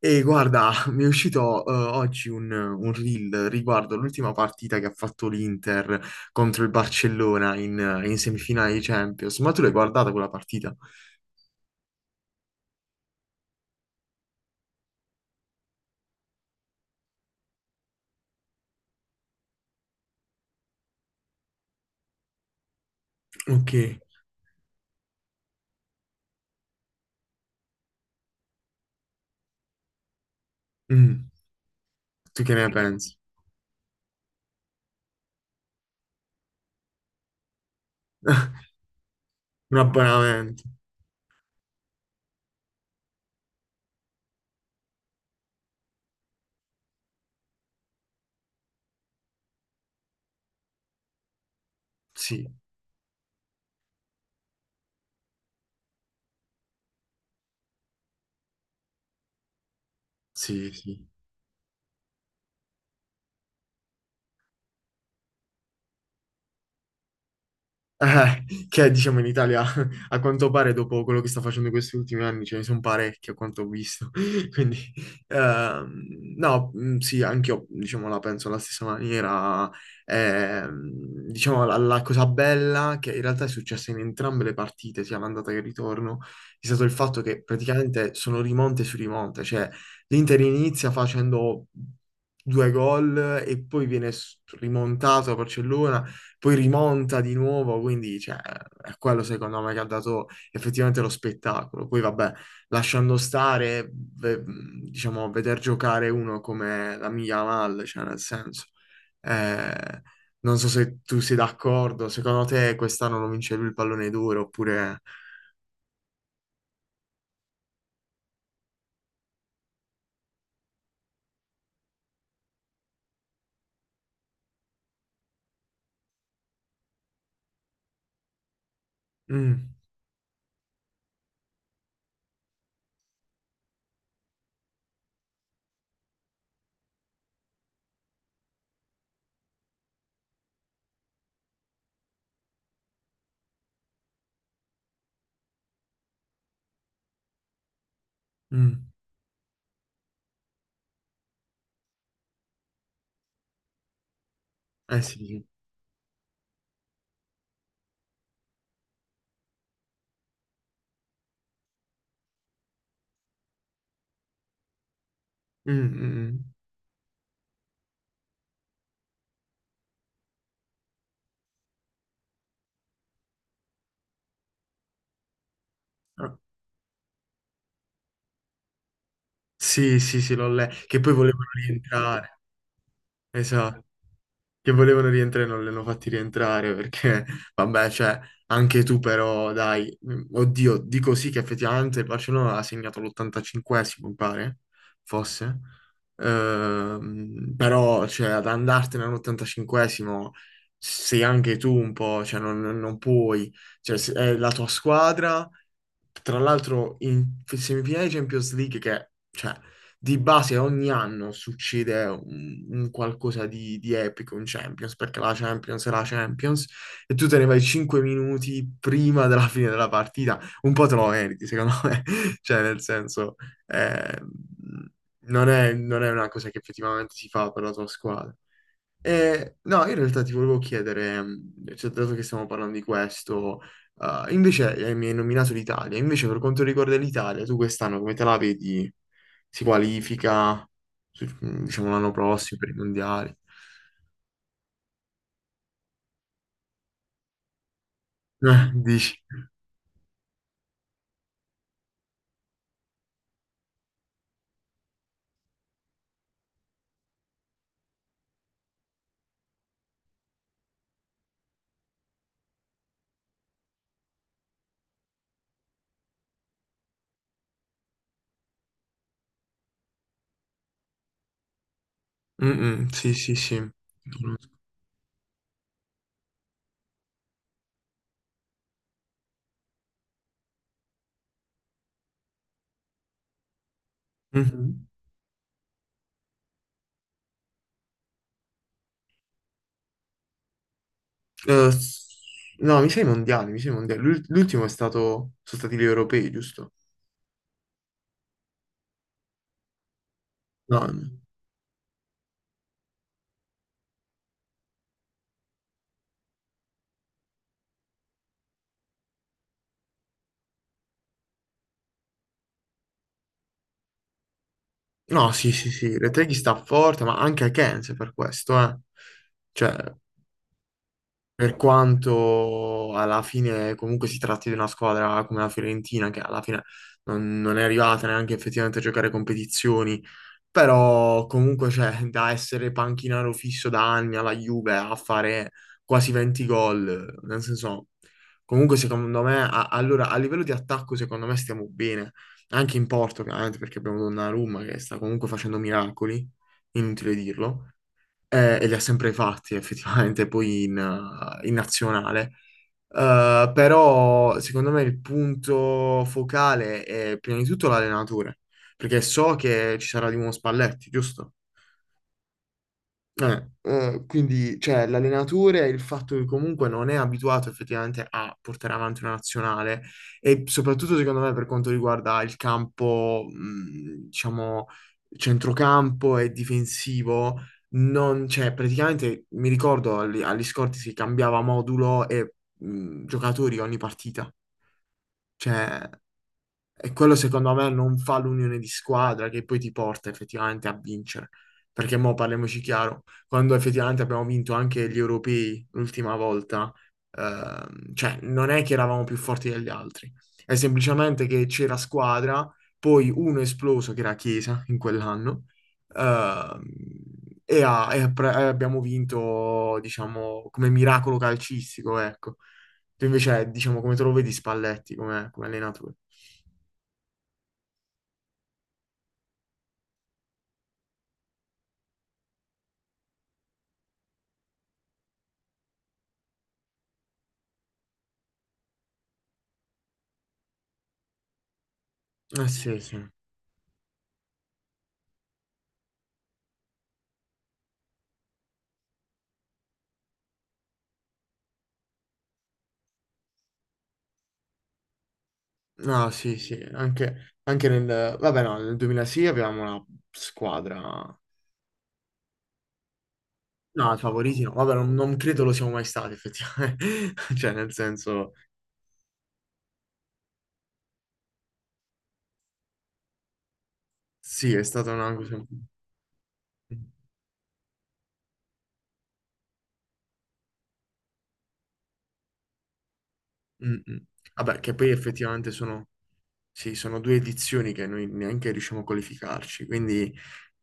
E guarda, mi è uscito oggi un reel riguardo l'ultima partita che ha fatto l'Inter contro il Barcellona in semifinale di Champions. Ma tu l'hai guardata quella partita? Ok. Mm, tu che ne pensi? Un abbonamento. Sì, sì, sì. Che diciamo in Italia a quanto pare dopo quello che sta facendo in questi ultimi anni ce ne sono parecchi a quanto ho visto. Quindi no, mm, sì, anch'io diciamo la penso alla stessa maniera. Ehm, diciamo la cosa bella che in realtà è successa in entrambe le partite, sia l'andata che il ritorno, è stato il fatto che praticamente sono rimonte su rimonte, cioè l'Inter inizia facendo due gol e poi viene rimontato a Barcellona, poi rimonta di nuovo, quindi cioè, è quello secondo me che ha dato effettivamente lo spettacolo. Poi vabbè, lasciando stare, diciamo, veder giocare uno come la mia Yamal, cioè nel senso, eh, non so se tu sei d'accordo, secondo te quest'anno lo vince lui il pallone d'oro oppure... Mm, mm, eh sì, sì. Mm, mm, mm. Ah, sì, sì, sì, l'ho letto, che poi volevano rientrare, esatto. Che volevano rientrare non li hanno fatti rientrare perché, vabbè, cioè, anche tu però, dai, mm, oddio, dico sì che effettivamente il Barcellona ha segnato l'85esimo, mi pare, fosse, però, cioè, ad andartene all'85esimo sei anche tu un po', cioè, non puoi, cioè, è la tua squadra, tra l'altro in semifinale di Champions League che, cioè, di base ogni anno succede un qualcosa di epico in Champions, perché la Champions è la Champions, e tu te ne vai 5 minuti prima della fine della partita, un po' te lo meriti, secondo me, cioè, nel senso, eh, non è una cosa che effettivamente si fa per la tua squadra. No, in realtà ti volevo chiedere, cioè, dato che stiamo parlando di questo, invece mi hai nominato l'Italia, invece per quanto riguarda l'Italia, tu quest'anno come te la vedi? Si qualifica, diciamo, l'anno prossimo per i mondiali? Dici? Mm, mm, sì, sì, sì. Mhm. Eh, s- no, mi sa i mondiali, mi sa i mondiali. L'ultimo è stato, sono stati gli europei, giusto? No, no. No, sì, sì, sì, Reteghi sta forte, ma anche Akense per questo, eh. Cioè, per quanto alla fine comunque si tratti di una squadra come la Fiorentina, che alla fine non è arrivata neanche effettivamente a giocare competizioni, però comunque c'è da essere panchinaro fisso da anni alla Juve a fare quasi 20 gol, nel senso, comunque secondo me, allora a livello di attacco secondo me stiamo bene, anche in porto chiaramente perché abbiamo Donnarumma che sta comunque facendo miracoli, inutile dirlo, e li ha sempre fatti effettivamente poi in, in nazionale. Però secondo me il punto focale è prima di tutto l'allenatore, perché so che ci sarà di nuovo Spalletti, giusto? Quindi cioè, l'allenatore e il fatto che comunque non è abituato effettivamente a portare avanti una nazionale e soprattutto secondo me per quanto riguarda il campo, diciamo, centrocampo e difensivo, non, cioè, praticamente mi ricordo agli scorti si cambiava modulo e giocatori ogni partita. Cioè, e quello secondo me non fa l'unione di squadra che poi ti porta effettivamente a vincere. Perché mo parliamoci chiaro, quando effettivamente abbiamo vinto anche gli europei l'ultima volta, cioè non è che eravamo più forti degli altri, è semplicemente che c'era squadra, poi uno è esploso che era Chiesa in quell'anno, ehm, e abbiamo vinto, diciamo, come miracolo calcistico, ecco. Tu invece, diciamo, come te lo vedi Spalletti come, come allenatore? Eh sì, sì. No, sì, sì, anche, anche nel... Vabbè, no, nel 2000 sì avevamo una squadra... No, i favoriti no, vabbè, non credo lo siamo mai stati, effettivamente. Cioè, nel senso, sì, è stata una cosa... Mm, mm. Vabbè, che poi effettivamente sono, sì, sono due edizioni che noi neanche riusciamo a qualificarci, quindi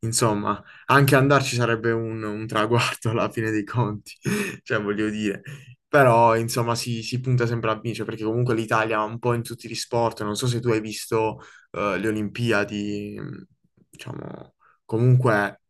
insomma, anche andarci sarebbe un traguardo alla fine dei conti, cioè voglio dire, però insomma si punta sempre a vincere perché comunque l'Italia un po' in tutti gli sport, non so se tu hai visto le Olimpiadi, diciamo, comunque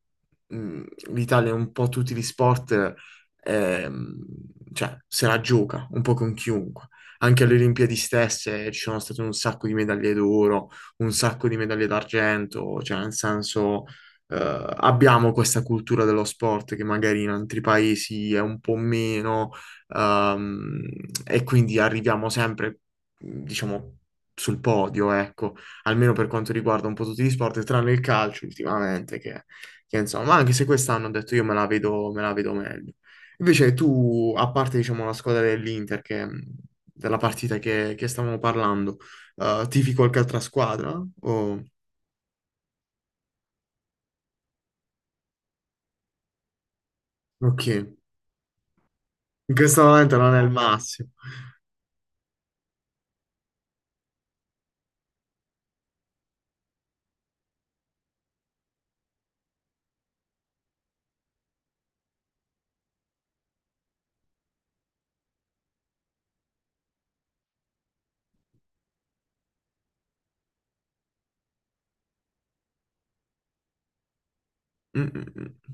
mh, l'Italia in un po' tutti gli sport ehm, cioè, se la gioca un po' con chiunque. Anche alle Olimpiadi stesse ci sono state un sacco di medaglie d'oro, un sacco di medaglie d'argento, cioè nel senso abbiamo questa cultura dello sport che magari in altri paesi è un po' meno, ehm, e quindi arriviamo sempre, diciamo, sul podio, ecco, almeno per quanto riguarda un po' tutti gli sport, tranne il calcio ultimamente, che insomma, anche se quest'anno ho detto io me la vedo meglio. Invece tu, a parte, diciamo, la squadra dell'Inter, che, della partita che stavamo parlando, tifi qualche altra squadra? O... Ok. In questo momento non è il massimo. Mm, mm, mm.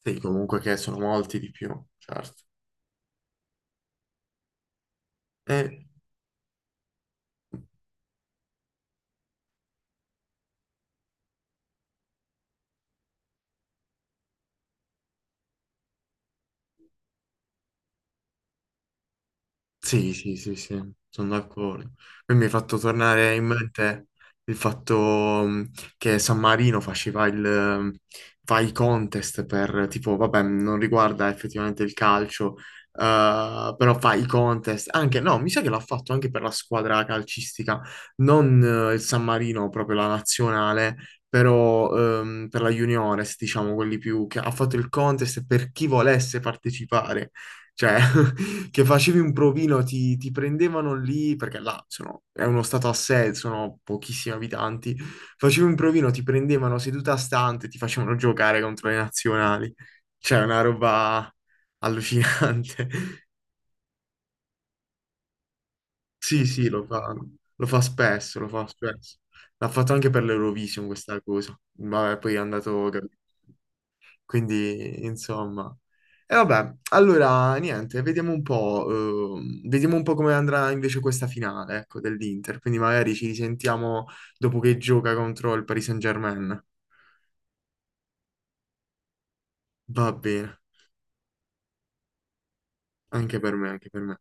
Sì, comunque che sono molti di più, certo. E sì, sì, sì, sì, sono d'accordo. Poi mi hai fatto tornare in mente il fatto mh, che San Marino faceva il, fa i contest per, tipo, vabbè, non riguarda effettivamente il calcio, però fa i contest, anche, no, mi sa che l'ha fatto anche per la squadra calcistica, non il San Marino, proprio la nazionale, però per la juniores, diciamo, quelli più, che ha fatto il contest per chi volesse partecipare. Cioè, che facevi un provino, ti prendevano lì, perché è uno stato a sé, sono pochissimi abitanti, facevi un provino, ti prendevano seduta stante, ti facevano giocare contro le nazionali. Cioè, una roba allucinante. Sì, sì, lo fa spesso, lo fa spesso. L'ha fatto anche per l'Eurovision questa cosa. Vabbè, poi è andato... Quindi, insomma. E vabbè, allora niente, vediamo un po' come andrà invece questa finale, ecco, dell'Inter. Quindi magari ci risentiamo dopo che gioca contro il Paris Saint-Germain. Va bene, anche per me, anche per me.